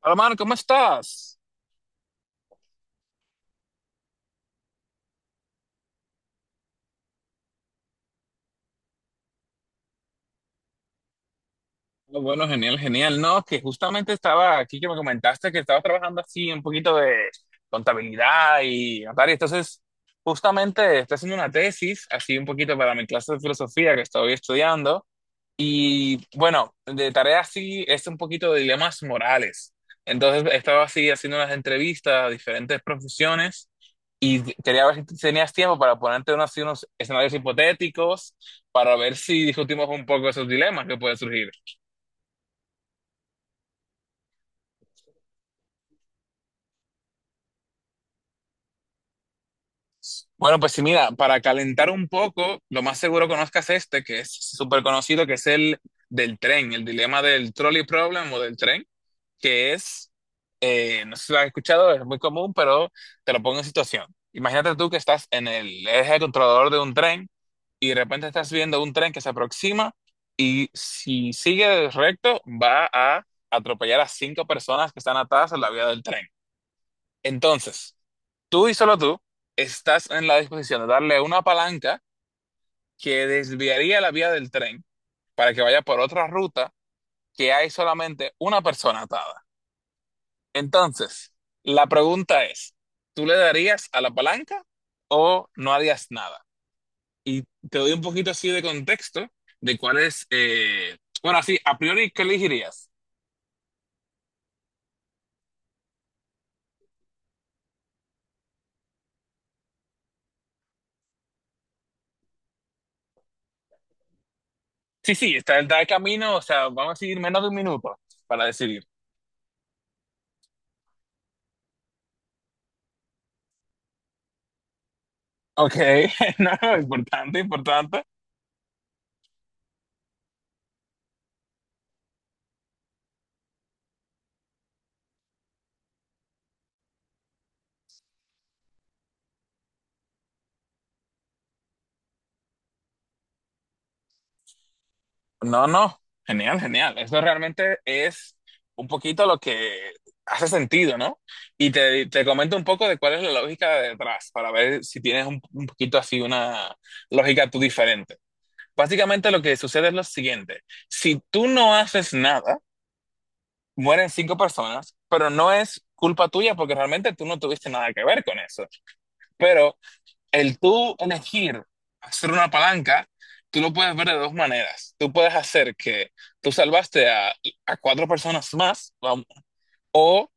Hola, Mar, ¿cómo estás? Ah, bueno, genial, genial. No, que justamente estaba aquí que me comentaste que estabas trabajando así un poquito de contabilidad y tal. Y entonces, justamente estoy haciendo una tesis, así un poquito para mi clase de filosofía que estoy estudiando. Y bueno, de tarea sí es un poquito de dilemas morales. Entonces estaba así haciendo unas entrevistas a diferentes profesiones y quería ver si tenías tiempo para ponerte unos, así unos escenarios hipotéticos para ver si discutimos un poco esos dilemas que pueden surgir. Bueno, pues sí, mira, para calentar un poco, lo más seguro conozcas este, que es súper conocido, que es el del tren, el dilema del trolley problem o del tren. Que es, no sé si lo has escuchado, es muy común, pero te lo pongo en situación. Imagínate tú que estás en el eje controlador de un tren y de repente estás viendo un tren que se aproxima y si sigue recto va a atropellar a cinco personas que están atadas a la vía del tren. Entonces, tú y solo tú estás en la disposición de darle una palanca que desviaría la vía del tren para que vaya por otra ruta que hay solamente una persona atada. Entonces, la pregunta es, ¿tú le darías a la palanca o no harías nada? Y te doy un poquito así de contexto de cuál es, bueno, así, a priori, ¿qué elegirías? Sí, sí, está el camino, o sea, vamos a seguir menos de un minuto para decidir. Ok, no, importante, importante. No, no, genial, genial. Eso realmente es un poquito lo que hace sentido, ¿no? Y te comento un poco de cuál es la lógica de detrás, para ver si tienes un poquito así una lógica tú diferente. Básicamente lo que sucede es lo siguiente. Si tú no haces nada, mueren cinco personas, pero no es culpa tuya porque realmente tú no tuviste nada que ver con eso. Pero el tú elegir hacer una palanca, tú lo puedes ver de dos maneras. Tú puedes hacer que tú salvaste a cuatro personas más, vamos, o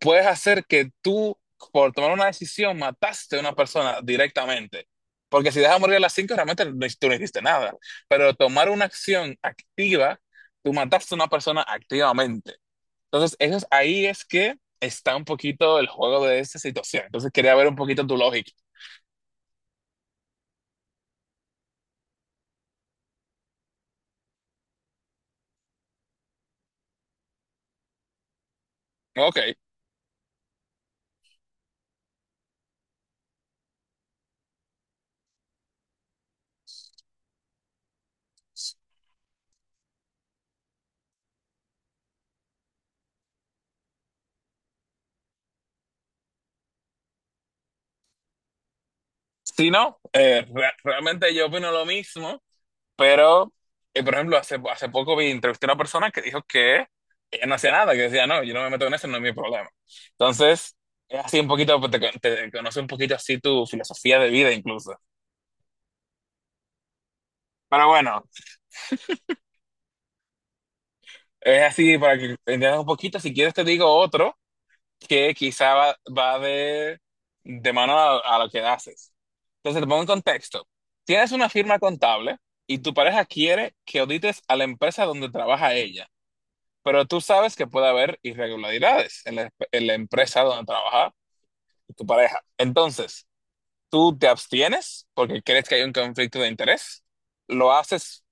puedes hacer que tú, por tomar una decisión, mataste a una persona directamente. Porque si dejas morir a las cinco, realmente no, tú no hiciste nada. Pero tomar una acción activa, tú mataste a una persona activamente. Entonces, ahí es que está un poquito el juego de esta situación. Entonces, quería ver un poquito tu lógica. Ok. Sí, no, realmente yo opino lo mismo, pero, por ejemplo, hace poco entrevisté a una persona que dijo que ella no hacía nada, que decía, no, yo no me meto en eso, no es mi problema. Entonces, es así un poquito, pues, te conoce un poquito así tu filosofía de vida incluso. Pero bueno, es así para que entiendas un poquito, si quieres te digo otro, que quizá va de mano a lo que haces. Entonces, te pongo en contexto. Tienes una firma contable y tu pareja quiere que audites a la empresa donde trabaja ella, pero tú sabes que puede haber irregularidades en la empresa donde trabaja tu pareja. Entonces, tú te abstienes porque crees que hay un conflicto de interés, lo haces,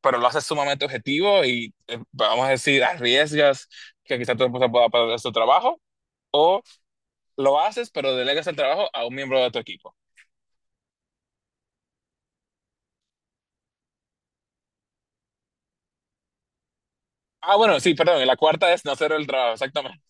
pero lo haces sumamente objetivo y, vamos a decir, arriesgas que quizá tu esposa pueda perder su trabajo o lo haces, pero delegas el trabajo a un miembro de tu equipo. Ah, bueno, sí, perdón, y la cuarta es no hacer el trabajo, exactamente.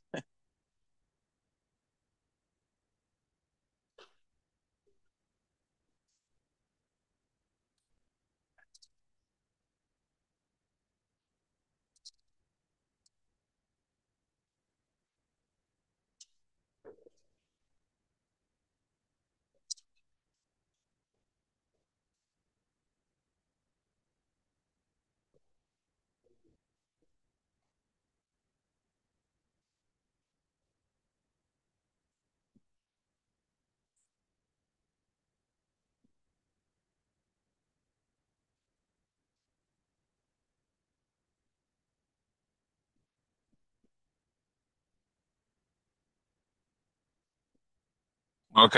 Ok,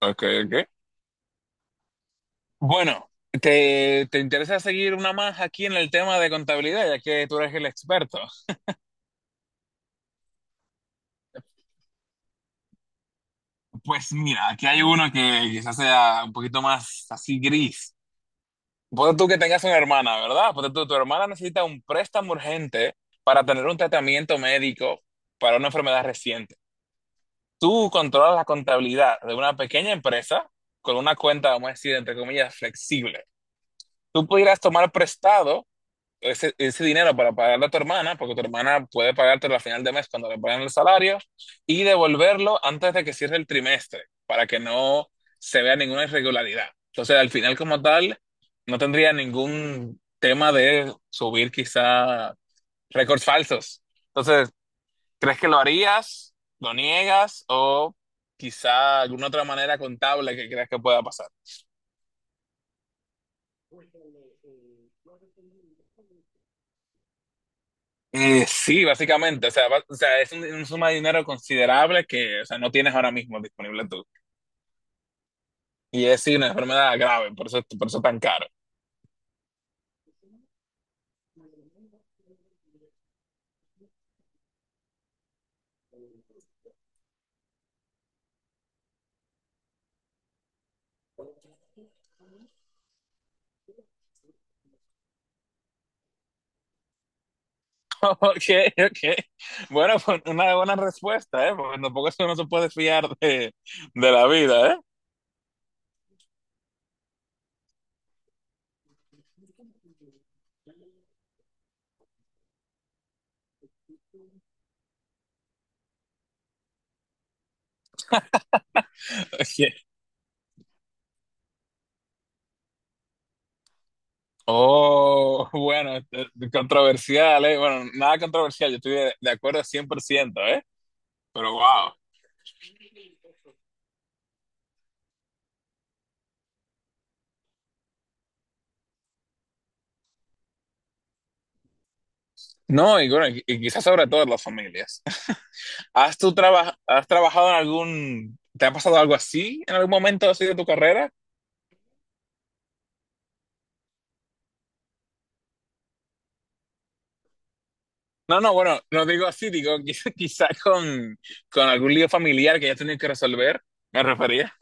ok, ok. Bueno, ¿te interesa seguir una más aquí en el tema de contabilidad, ya que tú eres el experto? Pues mira, aquí hay uno que quizás sea un poquito más así gris. Ponte tú que tengas una hermana, ¿verdad? Ponte tú, tu hermana necesita un préstamo urgente para tener un tratamiento médico para una enfermedad reciente. Tú controlas la contabilidad de una pequeña empresa con una cuenta, vamos a decir, entre comillas, flexible. Tú pudieras tomar prestado ese dinero para pagarle a tu hermana, porque tu hermana puede pagártelo al final de mes cuando le paguen el salario, y devolverlo antes de que cierre el trimestre, para que no se vea ninguna irregularidad. Entonces, al final, como tal, no tendría ningún tema de subir quizá récords falsos. Entonces, ¿crees que lo harías? ¿Lo niegas? ¿O quizá alguna otra manera contable que creas que pueda pasar? Sí, básicamente. O sea, o sea, es una suma de dinero considerable que, o sea, no tienes ahora mismo disponible tú. Y es sí, una enfermedad grave, por eso tan caro. Ok, ok. Bueno, pues una buena respuesta, ¿eh? Porque tampoco eso no se puede fiar de la vida, ¿eh? Ok. Oh, bueno, controversial, ¿eh? Bueno, nada controversial, yo estoy de acuerdo 100%, ¿eh? Pero wow. No, y, bueno, y quizás sobre todo en las familias. ¿Has trabajado en algún, te ha pasado algo así en algún momento así de tu carrera? No, no, bueno, no digo así, digo quizás con, con algún lío familiar que ya tenido que resolver, me refería.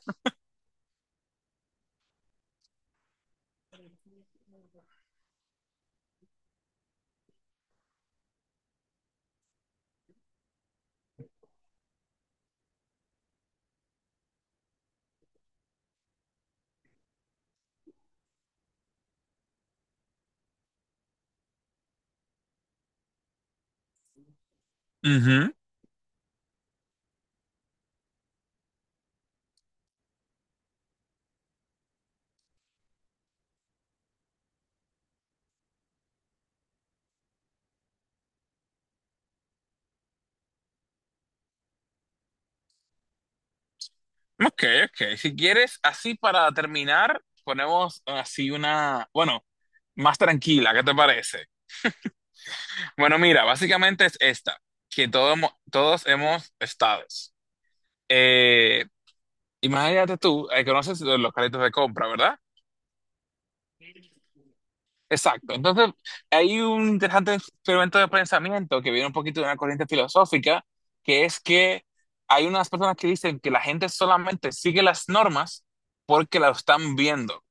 Ujú. Ok, ok. Si quieres, así para terminar, ponemos así una, bueno, más tranquila, ¿qué te parece? Bueno, mira, básicamente es esta, que todos hemos estado. Eh, Imagínate tú, conoces los localitos de compra, ¿verdad? Exacto. Entonces, hay un interesante experimento de pensamiento que viene un poquito de una corriente filosófica, que es que hay unas personas que dicen que la gente solamente sigue las normas porque las están viendo.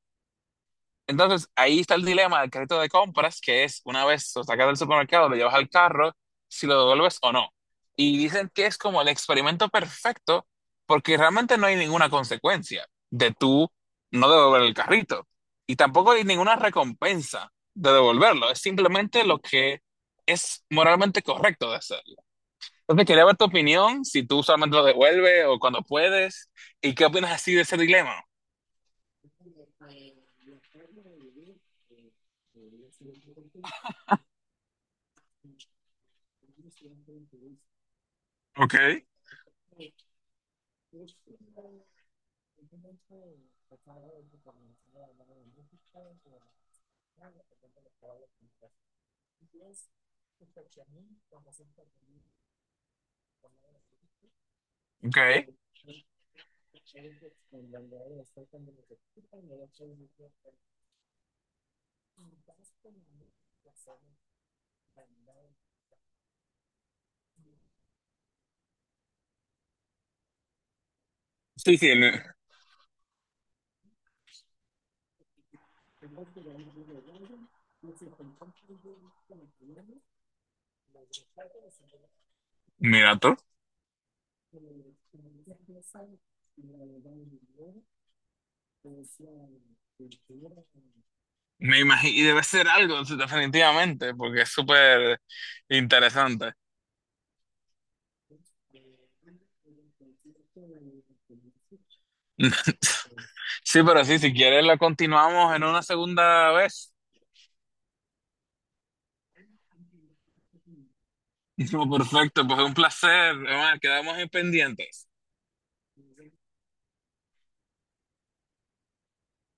Entonces, ahí está el dilema del carrito de compras, que es una vez lo sacas del supermercado, lo llevas al carro, si lo devuelves o no. Y dicen que es como el experimento perfecto, porque realmente no hay ninguna consecuencia de tú no devolver el carrito. Y tampoco hay ninguna recompensa de devolverlo. Es simplemente lo que es moralmente correcto de hacer. Entonces, quería ver tu opinión, si tú solamente lo devuelves o cuando puedes, y qué opinas así de ese dilema. Ok, ok. Sí, sí, mira tú. Me imagino, y debe ser algo, sí, definitivamente, porque es súper interesante. Sí, pero sí, si quieres la continuamos en una segunda vez. Perfecto, pues fue un placer. Además, quedamos en pendientes.